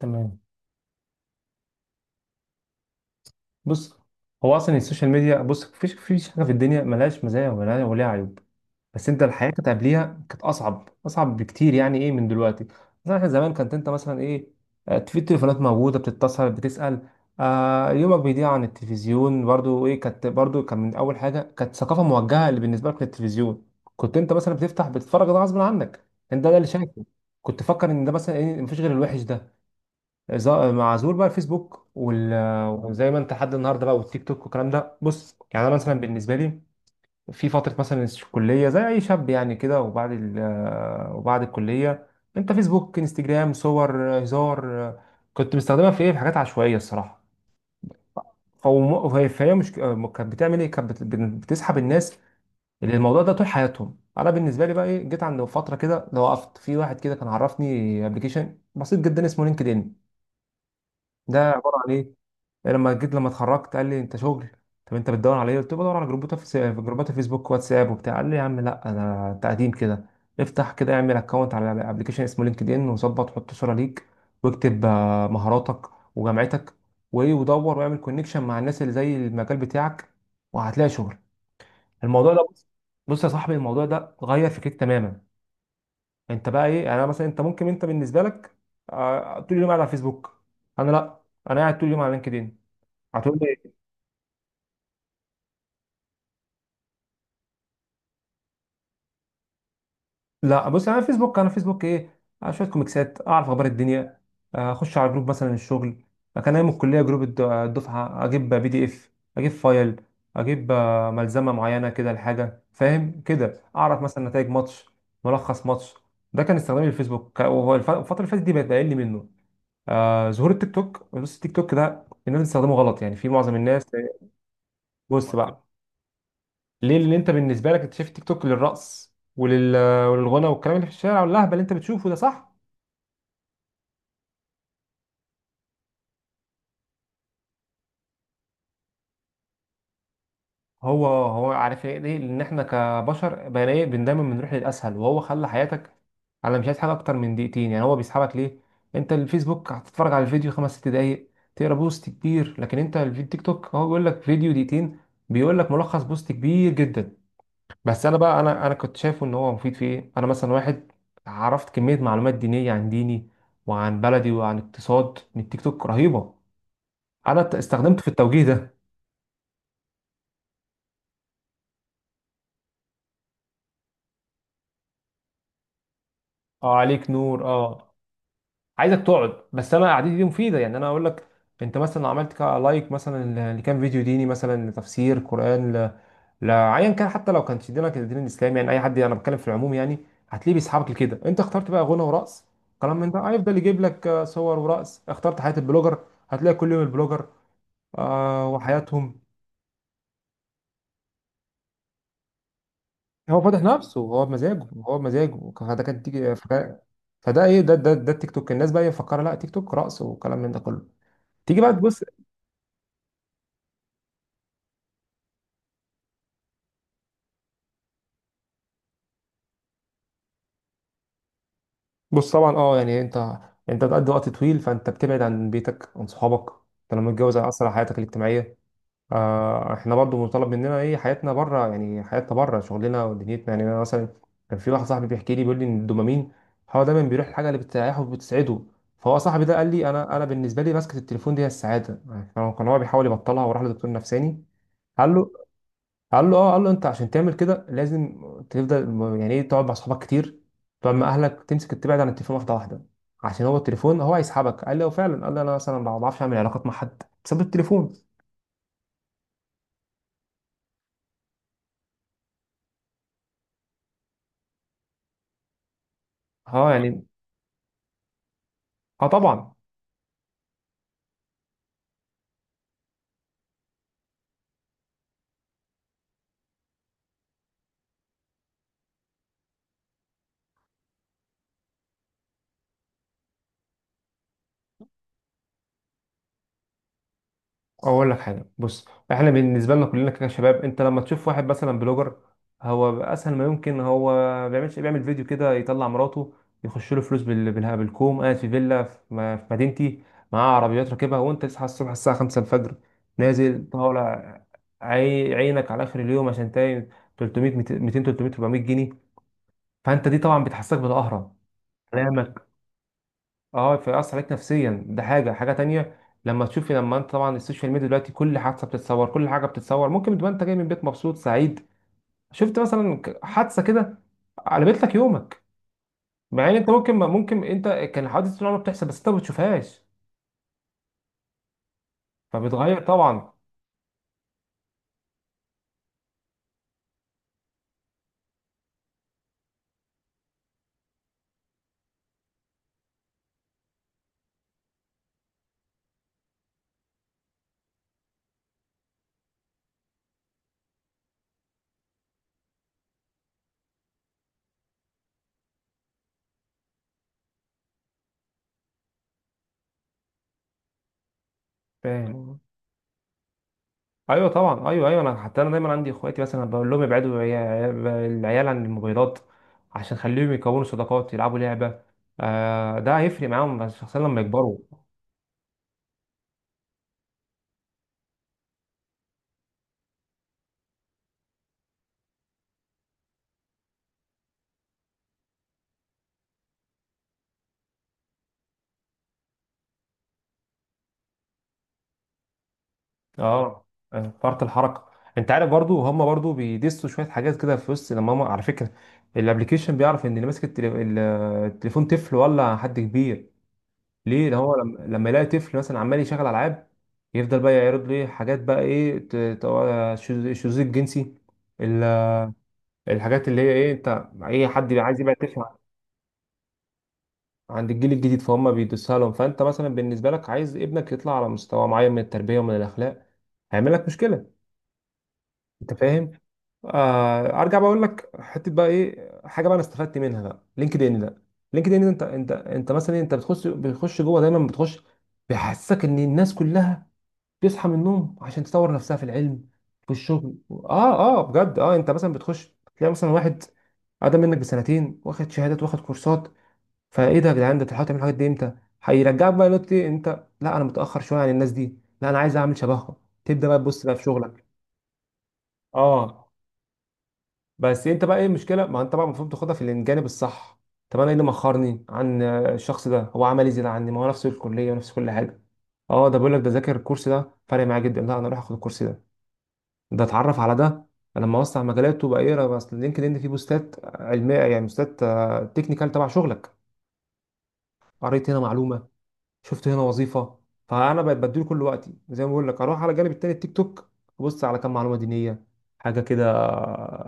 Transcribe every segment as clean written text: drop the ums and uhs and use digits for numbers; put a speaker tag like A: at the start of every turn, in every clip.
A: تمام. بص، هو اصلا السوشيال ميديا، بص، مفيش حاجه في الدنيا ملهاش مزايا، وملهاش وليها عيوب. بس انت الحياه كانت قبليها، كانت اصعب اصعب بكتير، يعني ايه من دلوقتي. مثلا احنا زمان كانت انت مثلا ايه، في التليفونات موجوده، بتتصل، بتسال، يومك بيضيع عن التلفزيون، برضو ايه كانت، برضو كان من اول حاجه كانت ثقافه موجهه اللي بالنسبه لك للتلفزيون، كنت انت مثلا بتفتح بتتفرج، ده غصب عنك، انت ده اللي شايفه، كنت فاكر ان ده مثلا ايه مفيش غير الوحش ده. مع ظهور بقى الفيسبوك وزي ما انت لحد النهارده بقى، والتيك توك والكلام ده، بص يعني انا مثلا بالنسبه لي، في فتره مثلا الكليه زي اي شاب يعني كده، وبعد الكليه، انت فيسبوك، انستجرام، صور، هزار، كنت مستخدمها في ايه، في حاجات عشوائيه الصراحه. فهي مش كانت بتعمل ايه، كانت بتسحب الناس، اللي الموضوع ده طول حياتهم. انا بالنسبه لي بقى ايه، جيت عند فتره كده، لو وقفت في واحد كده كان عرفني ابلكيشن بسيط جدا اسمه لينكد ان، ده عباره عن ايه. لما جيت، لما اتخرجت، قال لي انت شغل؟ طب انت بتدور على ايه؟ قلت له بدور على جروبات، في جروبات فيسبوك، واتساب، وبتاع. قال لي يا عم لا، انا تقديم كده، افتح كده اعمل اكونت على ابلكيشن اسمه لينكد ان، وظبط، حط صوره ليك، واكتب مهاراتك وجامعتك وايه، ودور واعمل كونكشن مع الناس اللي زي المجال بتاعك، وهتلاقي شغل. الموضوع ده، بص، بص يا صاحبي، الموضوع ده غير فكرك تماما. انت بقى ايه يعني، انا مثلا، انت ممكن انت بالنسبه لك طول اليوم قاعد على فيسبوك، انا لا، انا قاعد طول اليوم على لينكد ان. هتقول لي لا، بص، انا فيسبوك ايه، شويه كوميكسات، اعرف اخبار الدنيا، اخش على جروب مثلا الشغل، كان ايام الكليه جروب الدفعه، اجيب PDF، اجيب فايل، اجيب ملزمه معينه كده لحاجه، فاهم كده، اعرف مثلا نتائج ماتش، ملخص ماتش. ده كان استخدامي للفيسبوك، وهو الفتره اللي فاتت دي بقت اقل منه. ظهور التيك توك، بص التيك توك ده الناس بتستخدمه غلط، يعني في معظم الناس. بص بقى، ليه؟ لان انت بالنسبه لك اكتشفت تيك توك للرقص وللغنى والكلام اللي في الشارع واللهبل اللي انت بتشوفه ده، صح؟ هو عارف ايه، ليه؟ لان احنا كبشر بقينا ايه، دايما بنروح للاسهل، وهو خلى حياتك، انا مش عايز حاجه اكتر من دقيقتين يعني. هو بيسحبك ليه؟ انت الفيسبوك هتتفرج على الفيديو خمس ست دقايق، تقرا بوست كبير، لكن انت الفيديو تيك توك هو بيقول لك فيديو دقيقتين، بيقول لك ملخص بوست كبير جدا. بس انا بقى، انا كنت شايفه ان هو مفيد في ايه. انا مثلا واحد، عرفت كميه معلومات دينيه عن ديني وعن بلدي وعن اقتصاد من التيك توك رهيبه، انا استخدمته في التوجيه ده. اه عليك نور اه، عايزك تقعد، بس انا قعدتي دي مفيده يعني، انا اقول لك، انت مثلا لو عملت لايك مثلا لكام فيديو ديني، مثلا لتفسير قران لايا كان، حتى لو كان دينك الدين الاسلامي يعني، اي حد، انا بتكلم في العموم يعني، هتلاقيه بيسحبك لكده. انت اخترت بقى غنى ورقص كلام من ده، هيفضل يجيب لك صور ورقص. اخترت حياه البلوجر، هتلاقي كل يوم البلوجر وحياتهم. هو فاتح نفسه، هو بمزاجه، هو بمزاجه، فده كان تيجي فده. فده ايه، ده التيك توك، الناس بقى مفكره لا، تيك توك رقص وكلام من ده كله. تيجي بقى تبص. بص طبعا اه يعني، انت بتقضي وقت طويل، فانت بتبعد عن بيتك، عن صحابك، انت لما تتجوز هيأثر على حياتك الاجتماعيه. احنا برضو مطالب مننا ايه، حياتنا بره يعني، حياتنا بره شغلنا ودنيتنا يعني. انا مثلا كان في واحد صاحبي بيحكي لي، بيقول لي ان الدوبامين هو دايما بيروح الحاجه اللي بتريحه وبتسعده. فهو صاحبي ده قال لي، انا بالنسبه لي ماسكه التليفون دي هي السعاده يعني، كان هو بيحاول يبطلها وراح لدكتور نفساني، قال له قال له اه، قال له انت عشان تعمل كده لازم تفضل، يعني ايه، تقعد مع اصحابك كتير، تقعد مع اهلك، تمسك، تبعد عن التليفون واحده واحده، عشان هو التليفون هو هيسحبك. قال لي اه فعلا، قال لي انا مثلا ما بعرفش اعمل علاقات مع حد بسبب التليفون. اه يعني، اه طبعا. اقول لك حاجه، بص، احنا بالنسبه لنا كلنا كشباب، انت لما تشوف واحد مثلا بلوجر، هو اسهل ما يمكن، هو ما بيعملش، بيعمل فيديو كده يطلع مراته، يخش له فلوس بالها بالكوم، قاعد في فيلا في في مدينتي، معاه عربيات راكبها، وانت تصحى الصبح الساعه 5 الفجر، نازل طالع، عينك على اخر اليوم عشان تاين 300 200 300 400 جنيه، فانت دي طبعا بتحسسك بالقهره، اه فيأثر عليك نفسيا. ده حاجة تانية، لما تشوفي، لما انت طبعا السوشيال ميديا دلوقتي كل حادثة بتتصور، كل حاجة بتتصور، ممكن تبقى انت جاي من بيت مبسوط سعيد، شفت مثلا حادثة كده قلبت لك يومك، مع ان انت ممكن انت كان الحوادث طول الوقت بتحصل، بس انت ما بتشوفهاش، فبتغير طبعا، فاهم؟ ايوه طبعا، ايوه ايوه، انا حتى انا دايما عندي اخواتي مثلا بقول لهم ابعدوا العيال عن الموبايلات، عشان خليهم يكونوا صداقات، يلعبوا لعبة، ده هيفرق معاهم شخصيا لما يكبروا. اه، فرط الحركه. انت عارف برضو، هم برضو بيدسوا شويه حاجات كده في وسط، لما هم على فكره الابليكيشن بيعرف ان اللي ماسك التليفون طفل ولا حد كبير، ليه؟ ده هو لما يلاقي طفل مثلا عمال يشغل العاب، يفضل بقى يعرض له إيه، حاجات بقى ايه، الشذوذ الجنسي، ال- الحاجات اللي هي ايه، انت اي حد عايز يبقى طفل عند الجيل الجديد، فهم بيدسها لهم. فانت مثلا بالنسبه لك عايز ابنك يطلع على مستوى معين من التربيه ومن الاخلاق، هيعمل لك مشكله، انت فاهم؟ ارجع بقول لك حته بقى ايه، حاجه بقى انا استفدت منها بقى لينكد ان ده. لينكد ان ده انت، انت مثلا إيه، انت بتخش جوه، دايما بتخش، بيحسسك ان الناس كلها بتصحى من النوم عشان تطور نفسها في العلم، في الشغل، اه اه بجد، اه انت مثلا بتخش تلاقي مثلا واحد اقدم منك بسنتين، واخد شهادات، واخد كورسات، فايه ده يا جدعان، ده انت بتحاول تعمل الحاجات دي امتى؟ هيرجعك بقى نقطه إيه، انت لا، انا متاخر شويه عن الناس دي، لا انا عايز اعمل شبههم، تبدا بقى تبص بقى في شغلك. اه، بس انت بقى ايه المشكله؟ ما انت بقى المفروض تاخدها في الجانب الصح. طب انا ايه اللي مأخرني عن الشخص ده؟ هو عمل ايه زياده عني؟ ما هو نفس الكليه ونفس كل حاجه. اه ده بيقول لك ده ذاكر الكورس ده، فرق معاه جدا، لا انا اروح اخد الكورس ده، ده اتعرف على ده، لما اوسع مجالاته بقى ايه. بس لينكد ان فيه بوستات علميه يعني، بوستات تكنيكال تبع شغلك، قريت هنا معلومه، شفت هنا وظيفه، فانا بقيت بديله كل وقتي، زي ما بقول لك، اروح على الجانب التاني التيك توك، ابص على كام معلومه دينيه، حاجه كده،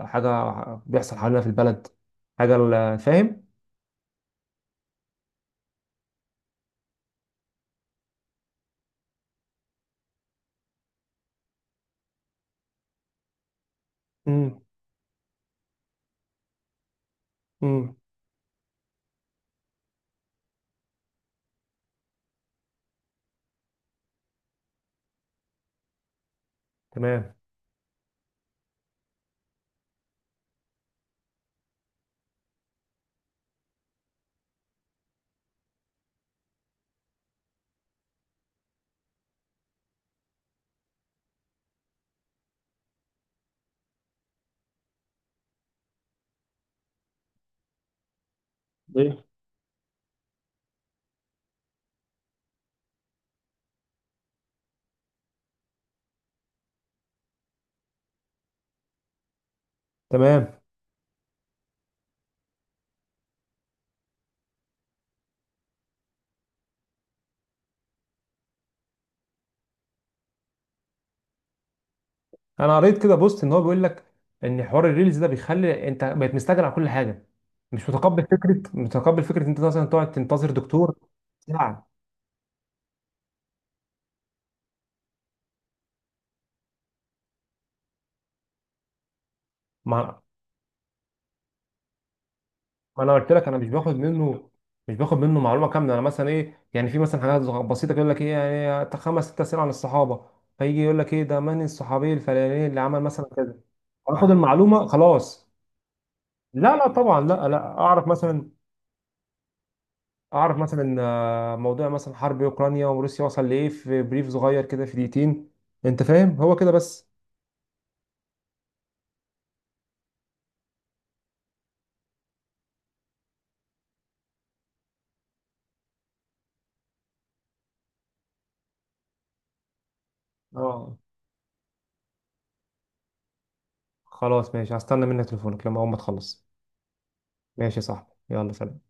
A: حاجه بيحصل حوالينا في البلد، حاجه فاهم. امم. امم. تمام. ايه، تمام. انا قريت كده بوست ان هو بيقول لك ان حوار الريلز ده بيخلي انت بقيت مستعجل على كل حاجه، مش متقبل فكره، متقبل فكره إن انت مثلا تقعد تنتظر دكتور ساعه. ما ما انا قلت لك انا مش باخد منه، مش باخد منه معلومه كامله، انا مثلا ايه يعني، في مثلا حاجات بسيطه كده، يقول لك ايه يعني، تا خمس ست اسئله عن الصحابه، فيجي يقول لك ايه ده، من الصحابي الفلاني اللي عمل مثلا كذا، اخد صح المعلومه خلاص. لا لا طبعا، لا لا، اعرف مثلا موضوع مثلا حرب اوكرانيا وروسيا وصل لايه، في بريف صغير كده في دقيقتين، انت فاهم، هو كده بس. اه خلاص ماشي، هستنى منك تليفونك لما اول ما تخلص. ماشي يا صاحبي، يلا سلام.